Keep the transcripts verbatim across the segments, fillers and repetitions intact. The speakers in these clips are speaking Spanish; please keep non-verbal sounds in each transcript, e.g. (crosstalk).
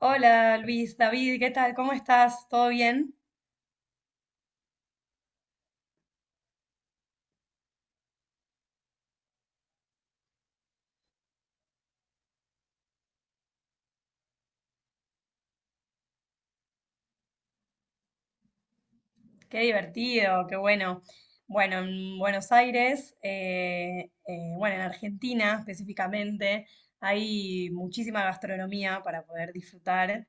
Hola Luis, David, ¿qué tal? ¿Cómo estás? ¿Todo bien? Qué divertido, qué bueno. Bueno, en Buenos Aires, eh, eh, bueno, en Argentina específicamente, hay muchísima gastronomía para poder disfrutar,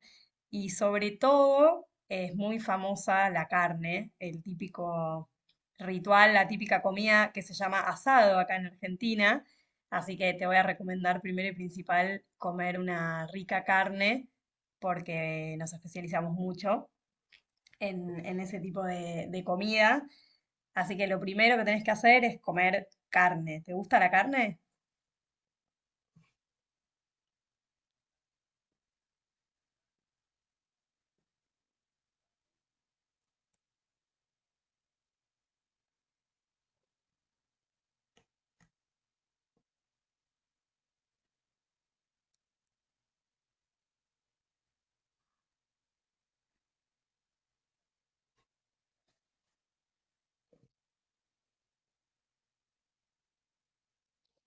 y sobre todo es muy famosa la carne, el típico ritual, la típica comida que se llama asado acá en Argentina. Así que te voy a recomendar primero y principal comer una rica carne porque nos especializamos mucho en, en ese tipo de, de comida. Así que lo primero que tenés que hacer es comer carne. ¿Te gusta la carne?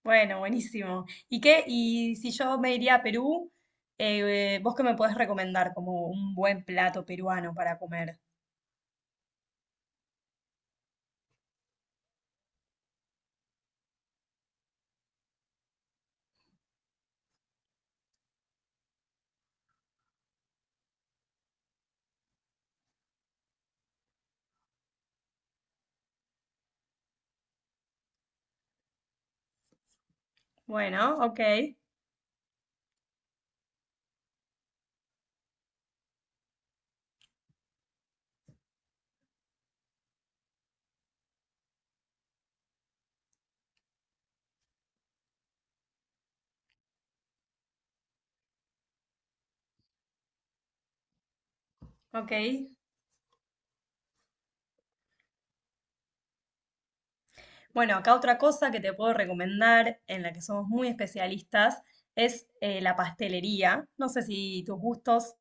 Bueno, buenísimo. ¿Y qué? Y si yo me iría a Perú, eh, ¿vos qué me podés recomendar como un buen plato peruano para comer? Bueno, ok, ok. Bueno, acá otra cosa que te puedo recomendar, en la que somos muy especialistas, es eh, la pastelería. No sé si tus gustos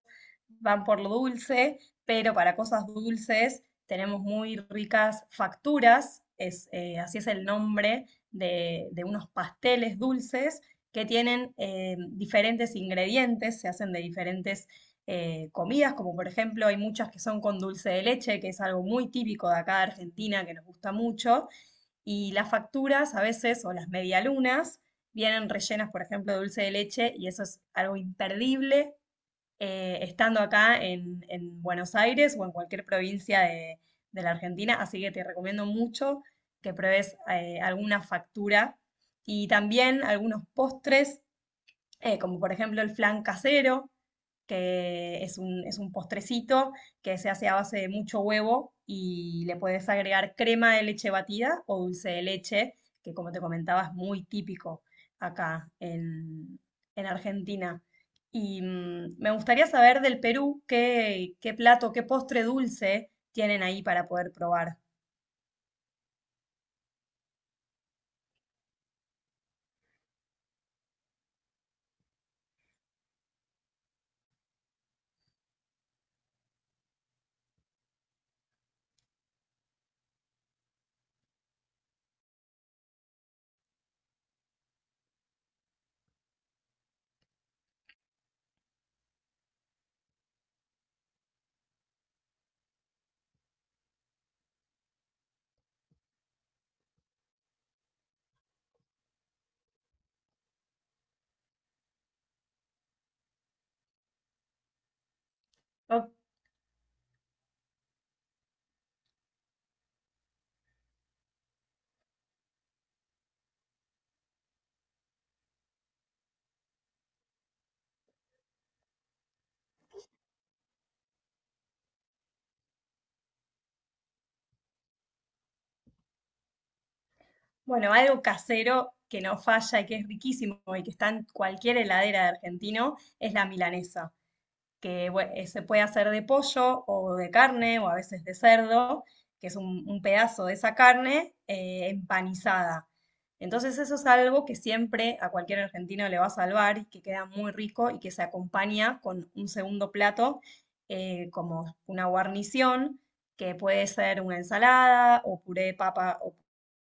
van por lo dulce, pero para cosas dulces tenemos muy ricas facturas, es, eh, así es el nombre de, de unos pasteles dulces que tienen eh, diferentes ingredientes, se hacen de diferentes eh, comidas, como por ejemplo hay muchas que son con dulce de leche, que es algo muy típico de acá de Argentina, que nos gusta mucho, y las facturas a veces, o las medialunas, vienen rellenas, por ejemplo, de dulce de leche, y eso es algo imperdible eh, estando acá en, en Buenos Aires o en cualquier provincia de, de la Argentina. Así que te recomiendo mucho que pruebes eh, alguna factura y también algunos postres, eh, como por ejemplo el flan casero, que es un, es un postrecito que se hace a base de mucho huevo y le puedes agregar crema de leche batida o dulce de leche, que como te comentaba es muy típico acá en, en Argentina. Y mm, me gustaría saber del Perú qué, qué plato, qué postre dulce tienen ahí para poder probar. Ok. Bueno, algo casero que no falla y que es riquísimo y que está en cualquier heladera de argentino es la milanesa, que bue- eh, se puede hacer de pollo o de carne o a veces de cerdo, que es un, un pedazo de esa carne eh, empanizada. Entonces eso es algo que siempre a cualquier argentino le va a salvar y que queda muy rico y que se acompaña con un segundo plato, eh, como una guarnición que puede ser una ensalada o puré de papa o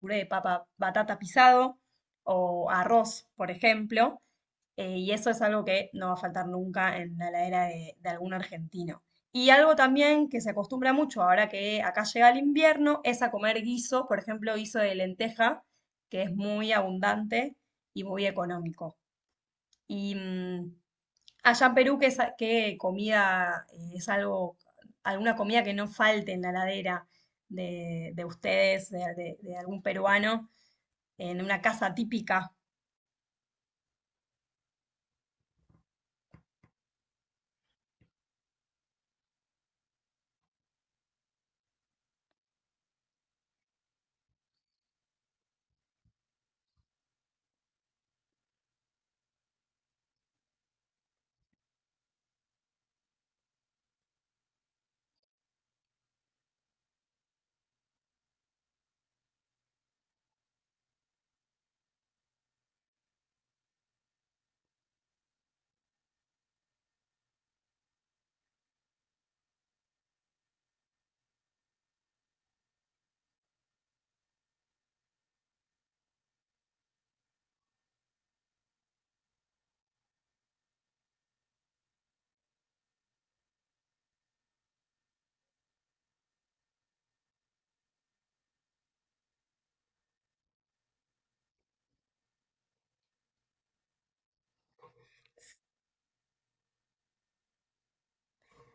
puré de papa batata pisado o arroz, por ejemplo, eh, y eso es algo que no va a faltar nunca en la heladera de, de algún argentino. Y algo también que se acostumbra mucho ahora que acá llega el invierno es a comer guiso, por ejemplo, guiso de lenteja, que es muy abundante y muy económico. Y mm, allá en Perú, ¿qué, sa- qué comida, eh, es algo, alguna comida que no falte en la heladera de, de ustedes, de, de- de algún peruano, en una casa típica?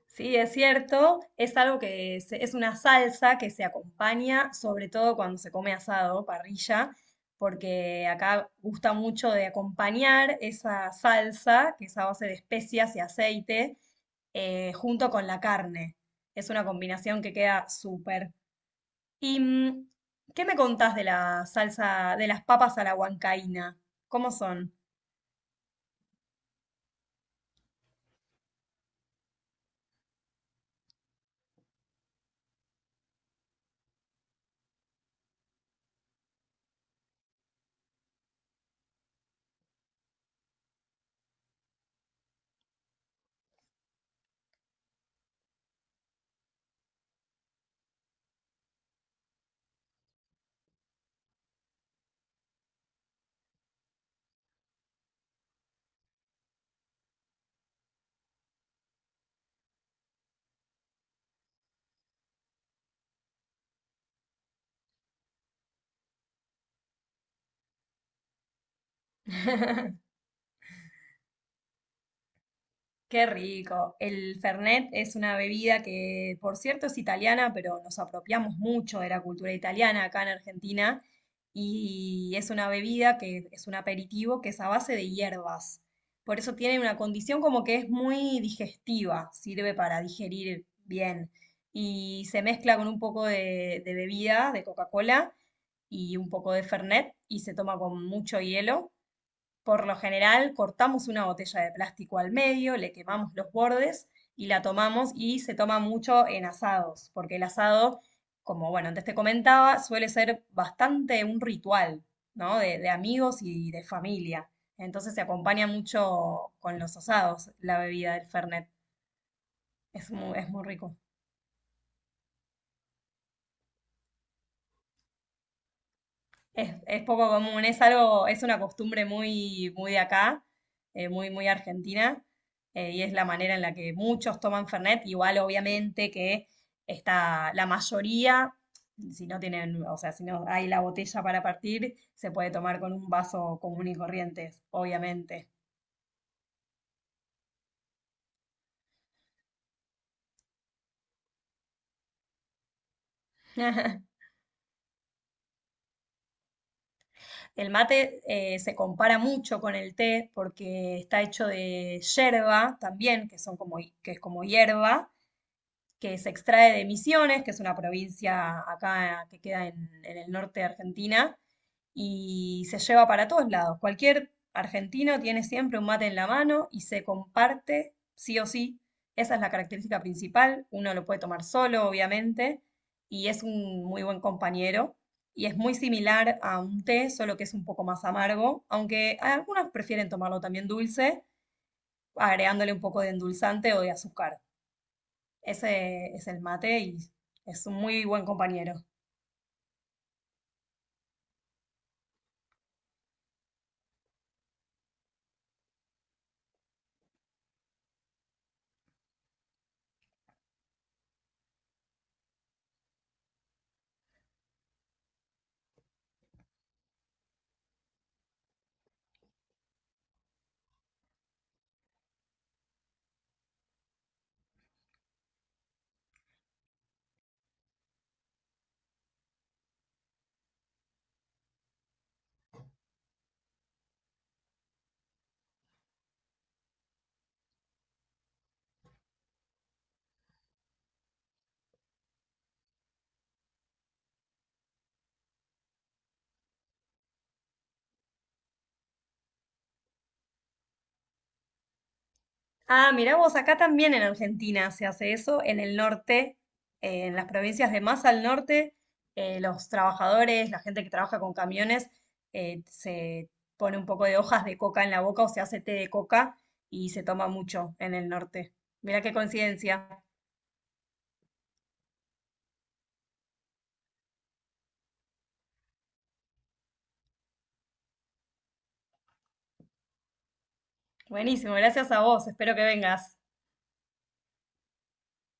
Sí, es cierto, es algo que se- es una salsa que se acompaña sobre todo cuando se come asado, parrilla, porque acá gusta mucho de acompañar esa salsa, que es a base de especias y aceite, eh, junto con la carne. Es una combinación que queda súper. ¿Y mm, qué me contás de la salsa, de las papas a la huancaína? ¿Cómo son? (laughs) Qué rico. El Fernet es una bebida que, por cierto, es italiana, pero nos apropiamos mucho de la cultura italiana acá en Argentina. Y es una bebida que es un aperitivo que es a base de hierbas. Por eso tiene una condición como que es muy digestiva, sirve para digerir bien. Y se mezcla con un poco de, de bebida, de Coca-Cola y un poco de Fernet, y se toma con mucho hielo. Por lo general, cortamos una botella de plástico al medio, le quemamos los bordes y la tomamos, y se toma mucho en asados, porque el asado, como bueno, antes te comentaba, suele ser bastante un ritual, ¿no? De, de amigos y de familia. Entonces se acompaña mucho con los asados la bebida del Fernet. Es muy, es muy rico. Es, es poco común, es algo, es una costumbre muy, muy de acá, eh, muy, muy argentina, eh, y es la manera en la que muchos toman Fernet, igual obviamente que está la mayoría, si no tienen, o sea, si no hay la botella para partir, se puede tomar con un vaso común y corriente, obviamente. (laughs) El mate eh, se compara mucho con el té porque está hecho de yerba también, que son como, hi- que es como hierba, que se extrae de Misiones, que es una provincia acá que queda en, en el norte de Argentina, y se lleva para todos lados. Cualquier argentino tiene siempre un mate en la mano y se comparte sí o sí. Esa es la característica principal. Uno lo puede tomar solo, obviamente, y es un muy buen compañero. Y es muy similar a un té, solo que es un poco más amargo, aunque algunos prefieren tomarlo también dulce, agregándole un poco de endulzante o de azúcar. Ese es el mate y es un muy buen compañero. Ah, mirá vos, acá también en Argentina se hace eso, en el norte, eh, en las provincias de más al norte, eh, los trabajadores, la gente que trabaja con camiones, eh, se pone un poco de hojas de coca en la boca o se hace té de coca y se toma mucho en el norte. Mirá qué coincidencia. Buenísimo, gracias a vos, espero que vengas.